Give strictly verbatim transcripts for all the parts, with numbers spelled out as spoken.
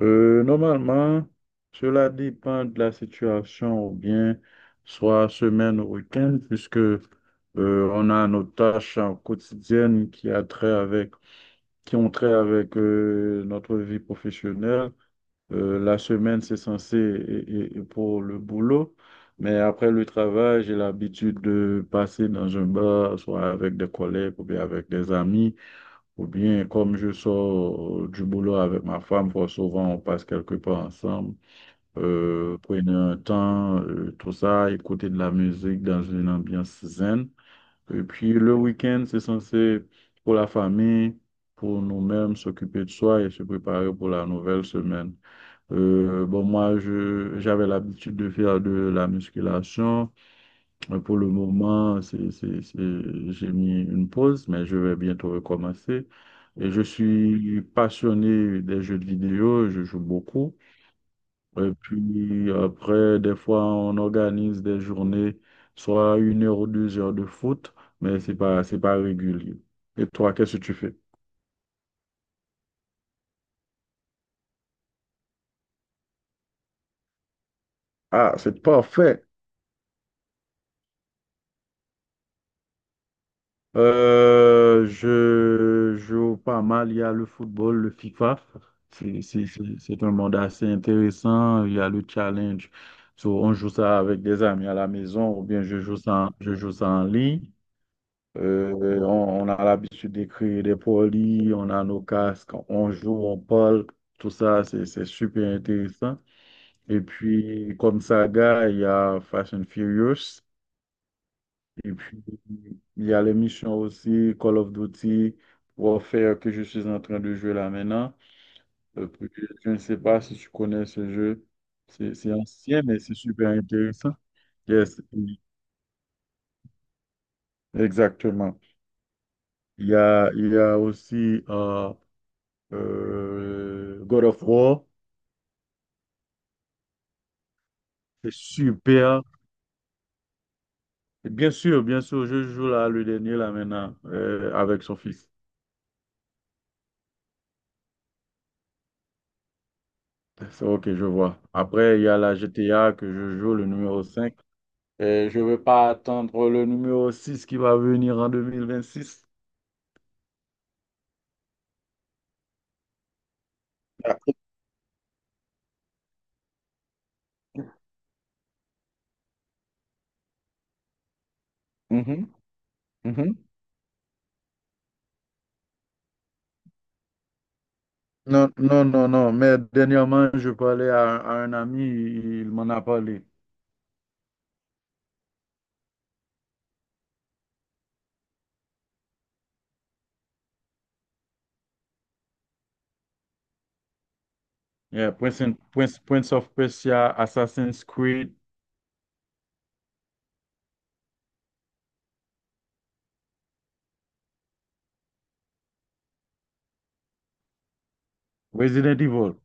Euh, normalement, cela dépend de la situation ou bien soit semaine ou week-end, puisque euh, on a nos tâches euh, quotidiennes qui a trait avec, qui ont trait avec euh, notre vie professionnelle. Euh, la semaine, c'est censé et, et- et pour le boulot, mais après le travail, j'ai l'habitude de passer dans un bar, soit avec des collègues ou bien avec des amis. Ou bien, comme je sors euh, du boulot avec ma femme, fort souvent on passe quelque part ensemble, euh, prenez un temps, euh, tout ça, écouter de la musique dans une ambiance zen. Et puis le week-end, c'est censé pour la famille, pour nous-mêmes, s'occuper de soi et se préparer pour la nouvelle semaine. Euh, bon, moi, je, j'avais l'habitude de faire de la musculation. Mais pour le moment, c'est, c'est, c'est- j'ai mis une pause, mais je vais bientôt recommencer. Et je suis passionné des jeux de vidéo, je joue beaucoup. Et puis après, des fois, on organise des journées, soit une heure ou deux heures de foot, mais c'est pas, c'est pas régulier. Et toi, qu'est-ce que tu fais? Ah, c'est parfait. Euh, je joue pas mal. Il y a le football, le FIFA. C'est c'est- c'est- c'est un monde assez intéressant. Il y a le challenge. So, on joue ça avec des amis à la maison ou bien je joue ça, en- je joue ça en ligne. Euh, on, on a l'habitude d'écrire des polis, on a nos casques, on joue, on parle. Tout ça, c'est c'est super intéressant. Et puis, comme saga, il y a Fast and Furious. Et puis, il y a les missions aussi, Call of Duty, Warfare, que je suis en train de jouer là maintenant. Euh, puis, je ne sais pas si tu connais ce jeu. C'est c'est ancien, mais c'est super intéressant. Yes, exactement. Il y a, il y a aussi euh, euh, God of War. C'est super. Et bien sûr, bien sûr, je joue là le dernier là maintenant euh, avec son fils. C'est ok, je vois. Après, il y a la G T A que je joue, le numéro cinq. Et je ne veux pas attendre le numéro six qui va venir en deux mille vingt-six. Ah, mhm, mhm. Non, non, non, non. Mais dernièrement, je parlais à, un à un ami, il m'en a parlé. Yeah, Prince, Prince- Prince of Persia, Assassin's Creed, Resident Evil.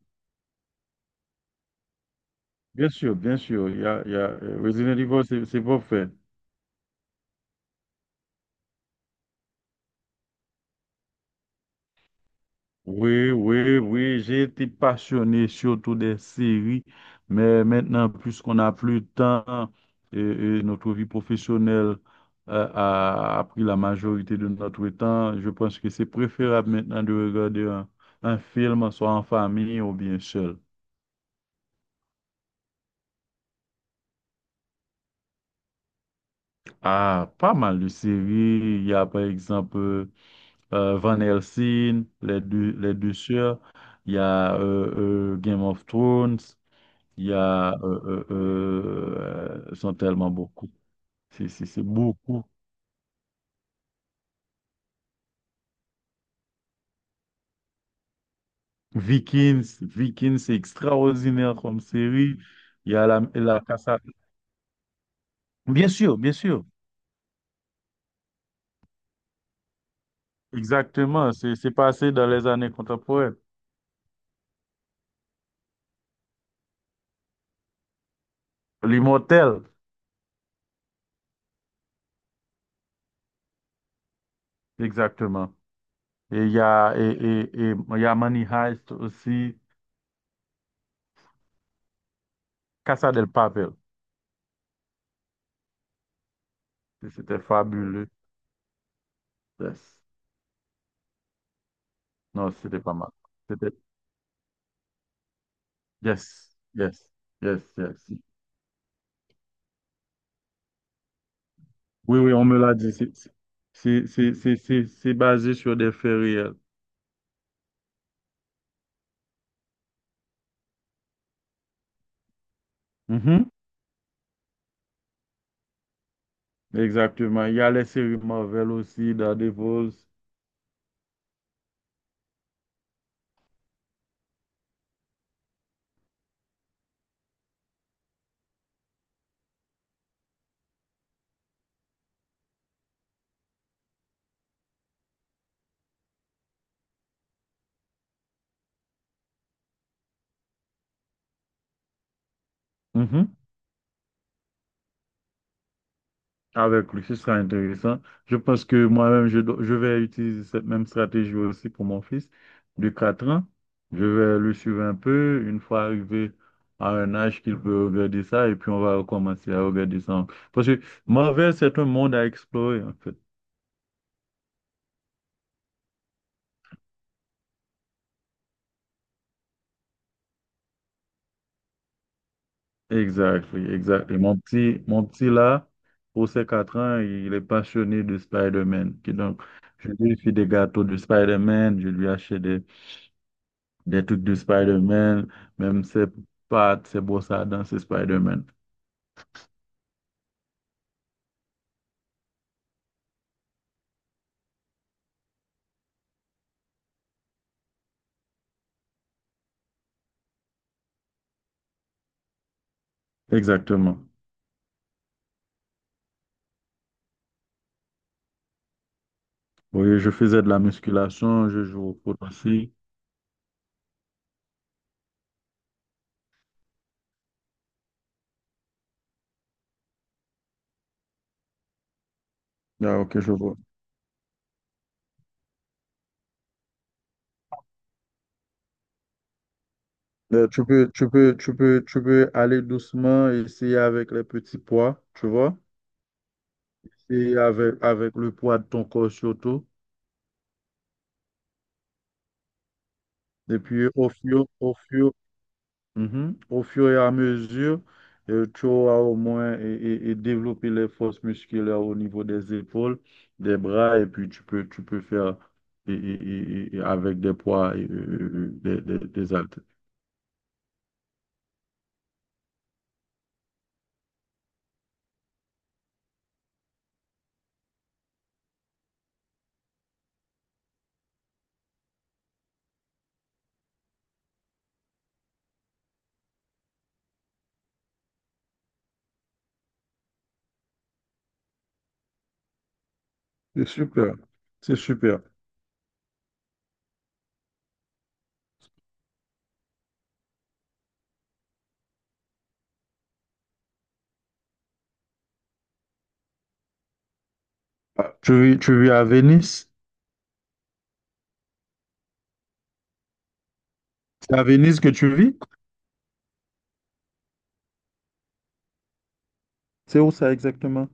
Bien sûr, bien sûr. Il y a, il y a- euh, Resident Evil, c'est c'est pas fait. Oui, oui, oui, j'ai été passionné surtout des séries, mais maintenant, puisqu'on n'a plus de temps et, et notre vie professionnelle euh, a, a pris la majorité de notre temps, je pense que c'est préférable maintenant de regarder un, un film, soit en famille ou bien seul. Ah, pas mal de séries. Il y a par exemple euh, euh, Van Helsing, les deux, les deux sœurs. Il y a euh, euh, Game of Thrones. Il y a, euh, euh, euh, ils sont tellement beaucoup. C'est c'est- c'est beaucoup. Vikings, Vikings, c'est extraordinaire comme série. Il y a la, la Casa. Bien sûr, bien sûr. Exactement. C'est c'est passé dans les années contemporaines. L'Immortel, exactement. Et il y a, et, et, et il y a Money Heist aussi. Casa del Papel. C'était fabuleux. Yes. Non, c'était pas mal. C'était, yes, yes, yes, yes. Oui, oui, on me l'a dit. C'est c'est- c'est- c'est- c'est- c'est basé sur des faits réels. Mhm. Exactement. Il y a les séries Marvel aussi, Daredevil. Mhm. Avec lui. Ce sera intéressant. Je pense que moi-même, je, dois- je vais utiliser cette même stratégie aussi pour mon fils de quatre ans. Je vais le suivre un peu. Une fois arrivé à un âge qu'il peut regarder ça, et puis on va recommencer à regarder ça. Parce que Marvel, c'est un monde à explorer, en fait. Exactly, exactly. Mon petit, mon petit là, pour ses quatre ans, il est passionné de Spider-Man. Qui donc, je lui fais des gâteaux de Spider-Man, je lui achète des, des trucs de Spider-Man, même ses pattes, ses brosses à dents, c'est Spider-Man. Exactement. Oui, je faisais de la musculation, je joue au foot aussi. Ah, ok, je vois. Euh, tu peux, tu peux, tu peux, tu peux aller doucement, essayer avec les petits poids, tu vois? Et avec, avec le poids de ton corps surtout. Et puis, au fur, au fur, mhm, au fur et à mesure, euh, tu auras au moins et, et- et développer les forces musculaires au niveau des épaules, des bras, et puis tu peux, tu peux faire et- et- et- et avec des poids et, euh, des, des, des haltères. C'est super. C'est super. Ah, tu vis, tu vis à Venise? C'est à Venise que tu vis? C'est où ça exactement?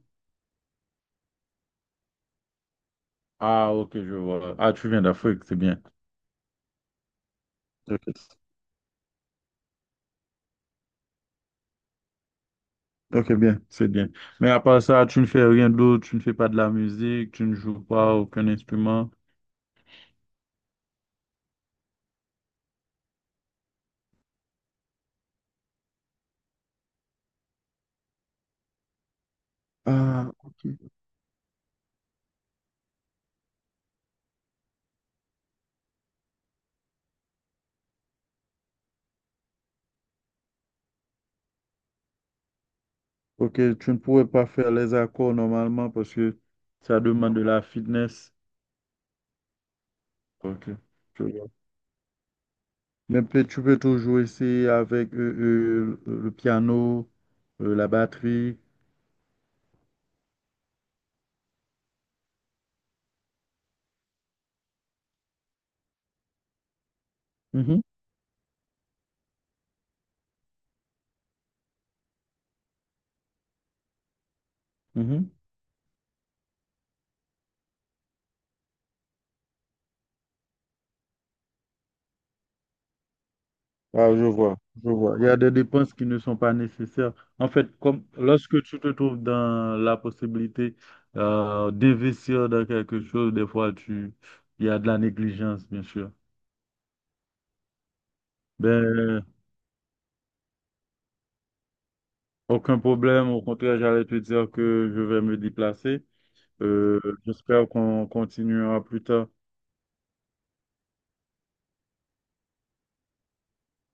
Ah, ok, je vois. Ah, tu viens d'Afrique, c'est bien. Ok. Ok, bien, c'est bien. Mais à part ça, tu ne fais rien d'autre, tu ne fais pas de la musique, tu ne joues pas aucun instrument. Ah, ok. Ok, tu ne pourrais pas faire les accords normalement parce que ça demande de la fitness. Ok, je vois. Mais peut tu peux toujours essayer avec euh, euh, le piano, euh, la batterie. Mhm, mhm. Ah, je vois, je vois. Il y a des dépenses qui ne sont pas nécessaires. En fait, comme lorsque tu te trouves dans la possibilité euh, d'investir dans quelque chose, des fois, tu, il y a de la négligence, bien sûr. Ben, aucun problème. Au contraire, j'allais te dire que je vais me déplacer. Euh, J'espère qu'on continuera plus tard.